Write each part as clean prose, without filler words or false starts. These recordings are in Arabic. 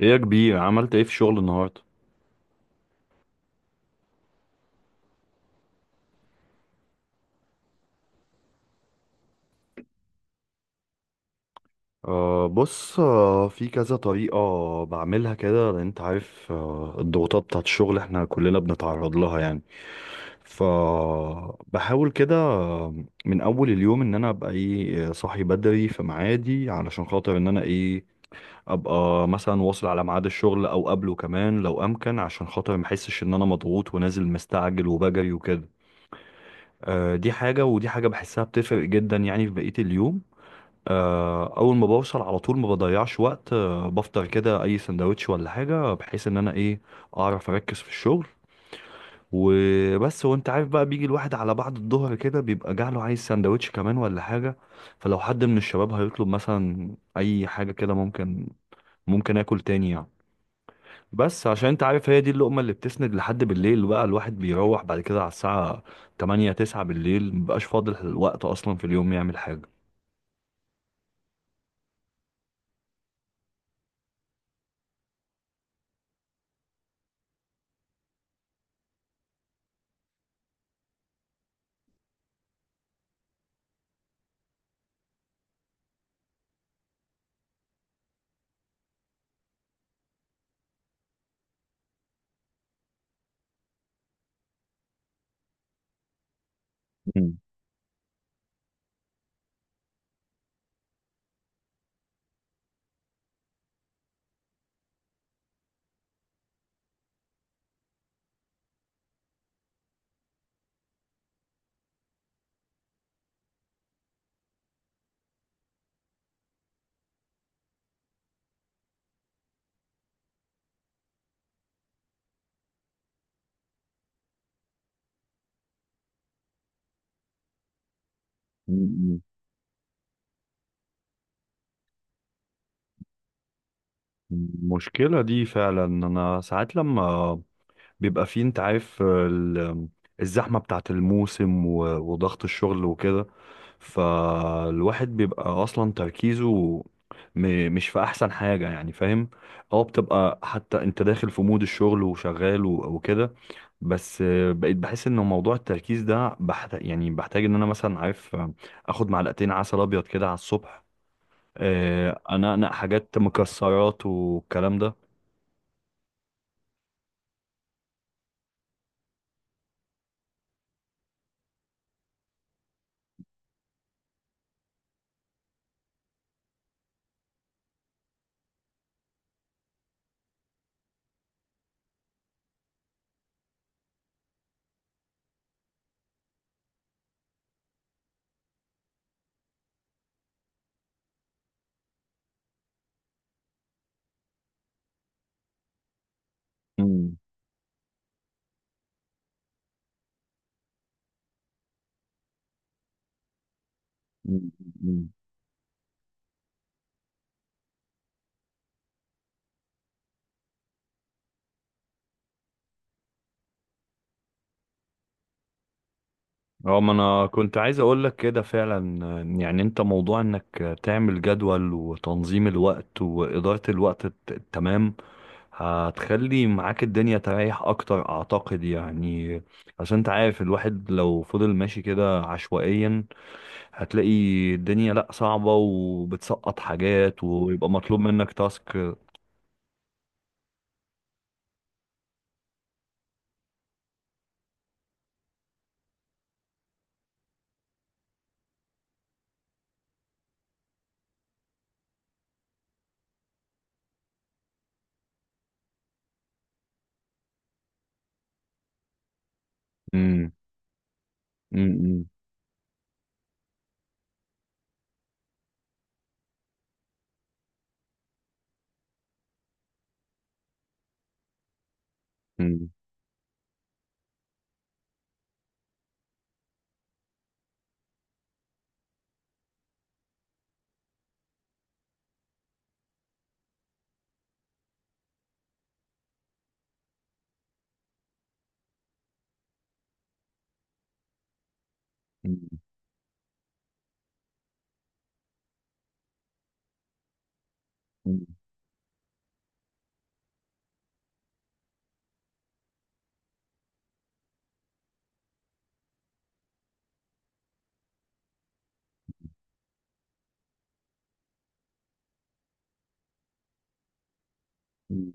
ايه يا كبير عملت ايه في الشغل النهارده؟ بص، في كذا طريقة بعملها كده، لأن أنت عارف الضغوطات بتاعت الشغل احنا كلنا بنتعرض لها يعني. فبحاول كده، من أول اليوم إن أنا أبقى إيه، صاحي بدري في ميعادي، علشان خاطر إن أنا إيه، أبقى مثلا واصل على ميعاد الشغل أو قبله كمان لو أمكن، عشان خاطر محسش إن أنا مضغوط ونازل مستعجل وبجري وكده. أه دي حاجة، ودي حاجة بحسها بتفرق جدا يعني في بقية اليوم. اول ما بوصل على طول ما بضيعش وقت، بفطر كده اي سندوتش ولا حاجه، بحيث ان انا ايه اعرف اركز في الشغل وبس. وانت عارف بقى بيجي الواحد على بعد الظهر كده بيبقى جعله، عايز سندوتش كمان ولا حاجه، فلو حد من الشباب هيطلب مثلا اي حاجه كده ممكن اكل تاني يعني. بس عشان انت عارف هي دي اللقمه اللي بتسند لحد بالليل، بقى الواحد بيروح بعد كده على الساعه 8 9 بالليل مبقاش فاضل الوقت اصلا في اليوم يعمل حاجه. مم. المشكلة دي فعلا أنا ساعات لما بيبقى فيه أنت عارف الزحمة بتاعت الموسم وضغط الشغل وكده، فالواحد بيبقى أصلا تركيزه مش في أحسن حاجة يعني، فاهم؟ أه بتبقى حتى أنت داخل في مود الشغل وشغال وكده، بس بقيت بحس إن موضوع التركيز ده بحتاج، يعني بحتاج إن أنا مثلا عارف آخد معلقتين عسل أبيض كده على الصبح، أنقنق حاجات مكسرات والكلام ده. مم. مم. مم. اه ما انا كنت عايز اقول لك كده فعلا. يعني انت موضوع انك تعمل جدول وتنظيم الوقت وادارة الوقت التمام، هتخلي معاك الدنيا تريح اكتر اعتقد يعني. عشان انت عارف الواحد لو فضل ماشي كده عشوائيا هتلاقي الدنيا لا صعبة وبتسقط حاجات ويبقى مطلوب منك تاسك. مم. مم. مم. مم. مم. مم.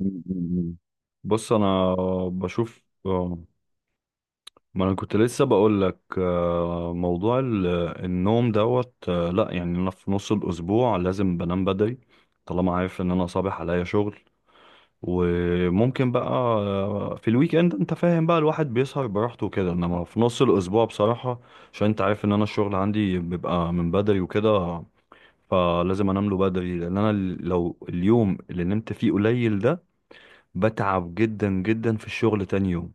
مم. مم. بص، انا بشوف، ما انا كنت لسه بقول لك، موضوع النوم دوت، لا يعني انا في نص الاسبوع لازم بنام بدري طالما عارف ان انا صابح عليا شغل. وممكن بقى، في الويك اند انت فاهم بقى الواحد بيسهر براحته وكده، انما في نص الاسبوع بصراحة، عشان انت عارف ان انا الشغل عندي بيبقى من بدري وكده، فلازم انام له بدري، لان انا لو اليوم اللي نمت فيه قليل ده بتعب جدا جدا في الشغل تاني يوم.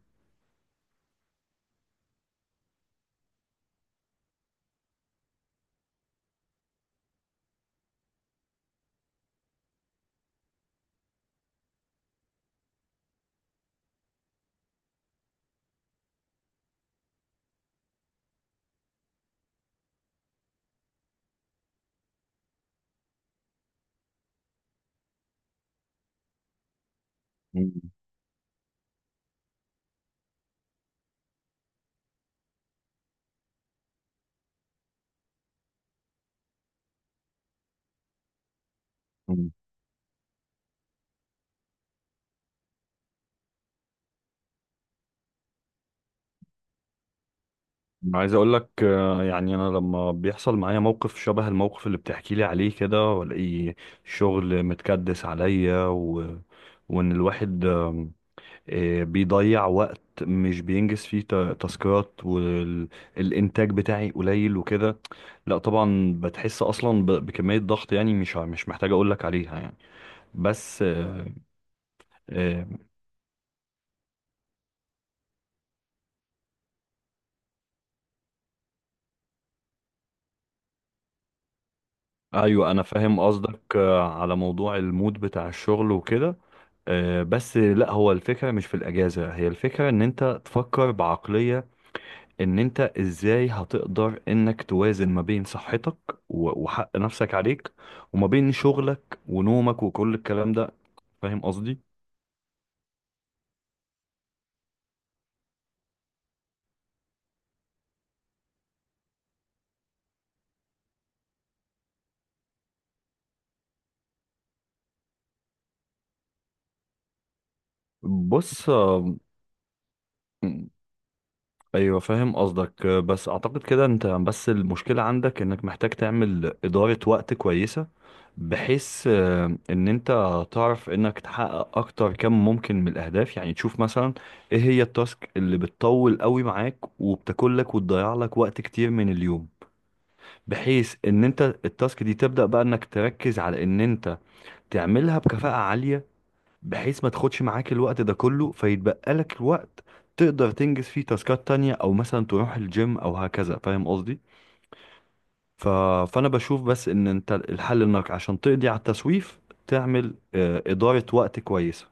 مم. مم. عايز اقول لك، يعني انا لما بيحصل معايا موقف شبه الموقف اللي بتحكي لي عليه كده، والاقي شغل متكدس عليا، و... وان الواحد بيضيع وقت مش بينجز فيه تاسكات، والانتاج بتاعي قليل وكده، لا طبعا بتحس اصلا ب... بكمية ضغط يعني، مش مش محتاج اقول لك عليها يعني. بس آه، ايوه انا فاهم قصدك، على موضوع المود بتاع الشغل وكده. بس لا، هو الفكرة مش في الأجازة، هي الفكرة إن أنت تفكر بعقلية إن أنت إزاي هتقدر إنك توازن ما بين صحتك وحق نفسك عليك، وما بين شغلك ونومك وكل الكلام ده. فاهم قصدي؟ بص، أيوة فاهم قصدك، بس أعتقد كده أنت بس المشكلة عندك إنك محتاج تعمل إدارة وقت كويسة، بحيث ان انت تعرف انك تحقق اكتر كم ممكن من الاهداف. يعني تشوف مثلا ايه هي التاسك اللي بتطول قوي معاك وبتاكل لك وتضيع لك وقت كتير من اليوم، بحيث ان انت التاسك دي تبدأ بقى انك تركز على ان انت تعملها بكفاءة عالية، بحيث ما تاخدش معاك الوقت ده كله، فيتبقى لك الوقت تقدر تنجز فيه تاسكات تانية، او مثلا تروح الجيم او هكذا، فاهم قصدي؟ ف... فانا بشوف بس ان انت الحل، انك عشان تقضي على التسويف تعمل، ادارة وقت كويسة.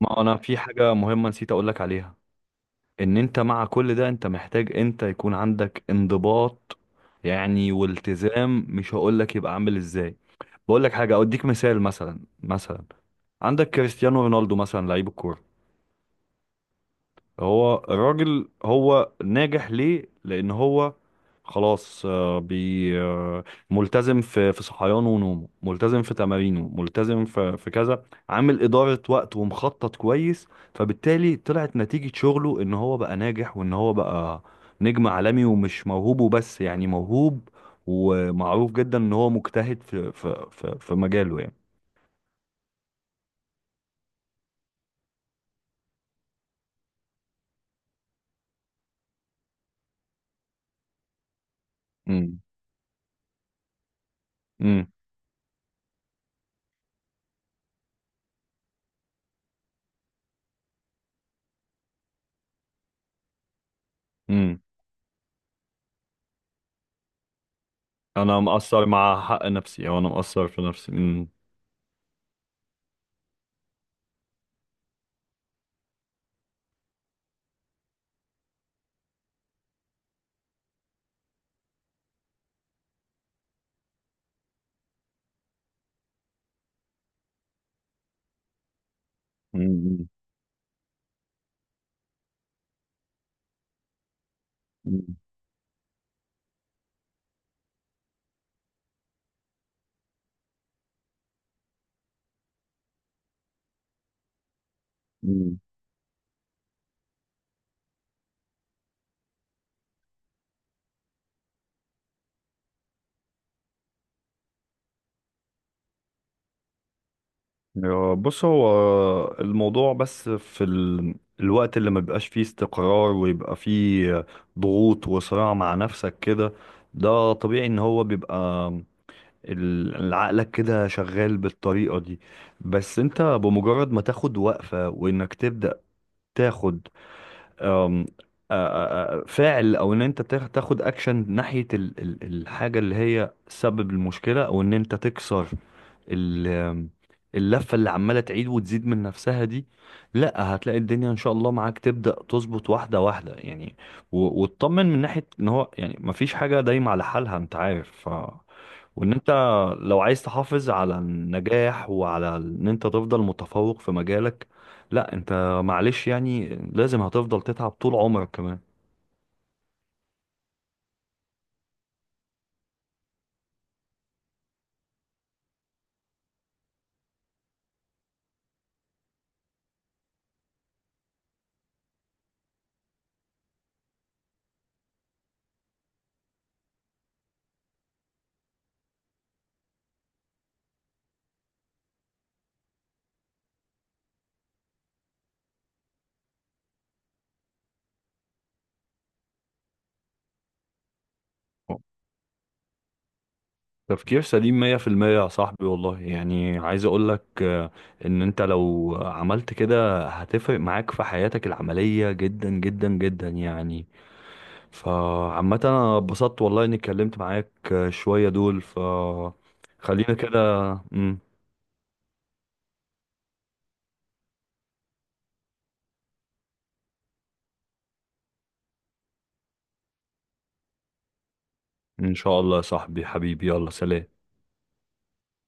ما انا في حاجة مهمة نسيت اقولك عليها، ان انت مع كل ده انت محتاج، انت يكون عندك انضباط يعني والتزام. مش هقولك يبقى عامل ازاي، بقولك حاجة اوديك مثال. مثلا عندك كريستيانو رونالدو مثلا، لعيب الكورة، هو الراجل هو ناجح ليه؟ لان هو خلاص ملتزم في صحيانه ونومه، ملتزم في تمارينه، ملتزم في كذا، عامل إدارة وقت ومخطط كويس، فبالتالي طلعت نتيجة شغله ان هو بقى ناجح، وان هو بقى نجم عالمي، ومش موهوب وبس، يعني موهوب ومعروف جدا ان هو مجتهد في مجاله يعني. امم. امم. امم. انا مقصر مع حق نفسي، او انا مقصر في نفسي. مم. مم. مم. يا- بص، هو الموضوع بس في ال... الوقت اللي ما بيبقاش فيه استقرار ويبقى فيه ضغوط وصراع مع نفسك كده، ده طبيعي ان هو بيبقى عقلك كده شغال بالطريقة دي. بس انت بمجرد ما تاخد وقفة، وانك تبدأ تاخد أم، آ- فاعل، او ان انت تاخد اكشن ناحية الحاجة اللي هي سبب المشكلة، او ان انت تكسر ال- آم، اللفة اللي عمالة تعيد وتزيد من نفسها دي، لا هتلاقي الدنيا ان شاء الله معاك تبدأ تظبط واحدة واحدة يعني. وتطمن من ناحية ان هو يعني مفيش حاجة دايمة على حالها، انت عارف. وان انت لو عايز تحافظ على النجاح وعلى ان انت تفضل متفوق في مجالك، لا انت معلش يعني لازم هتفضل تتعب طول عمرك كمان. تفكير سليم 100% يا صاحبي والله. يعني عايز اقولك، ان انت لو عملت كده هتفرق معاك في حياتك العملية جدا جدا جدا يعني. فعامة انا اتبسطت والله اني اتكلمت معاك، شوية دول، فخلينا كده. مم. ان شاء الله يا صاحبي، حبيبي، يلا سلام.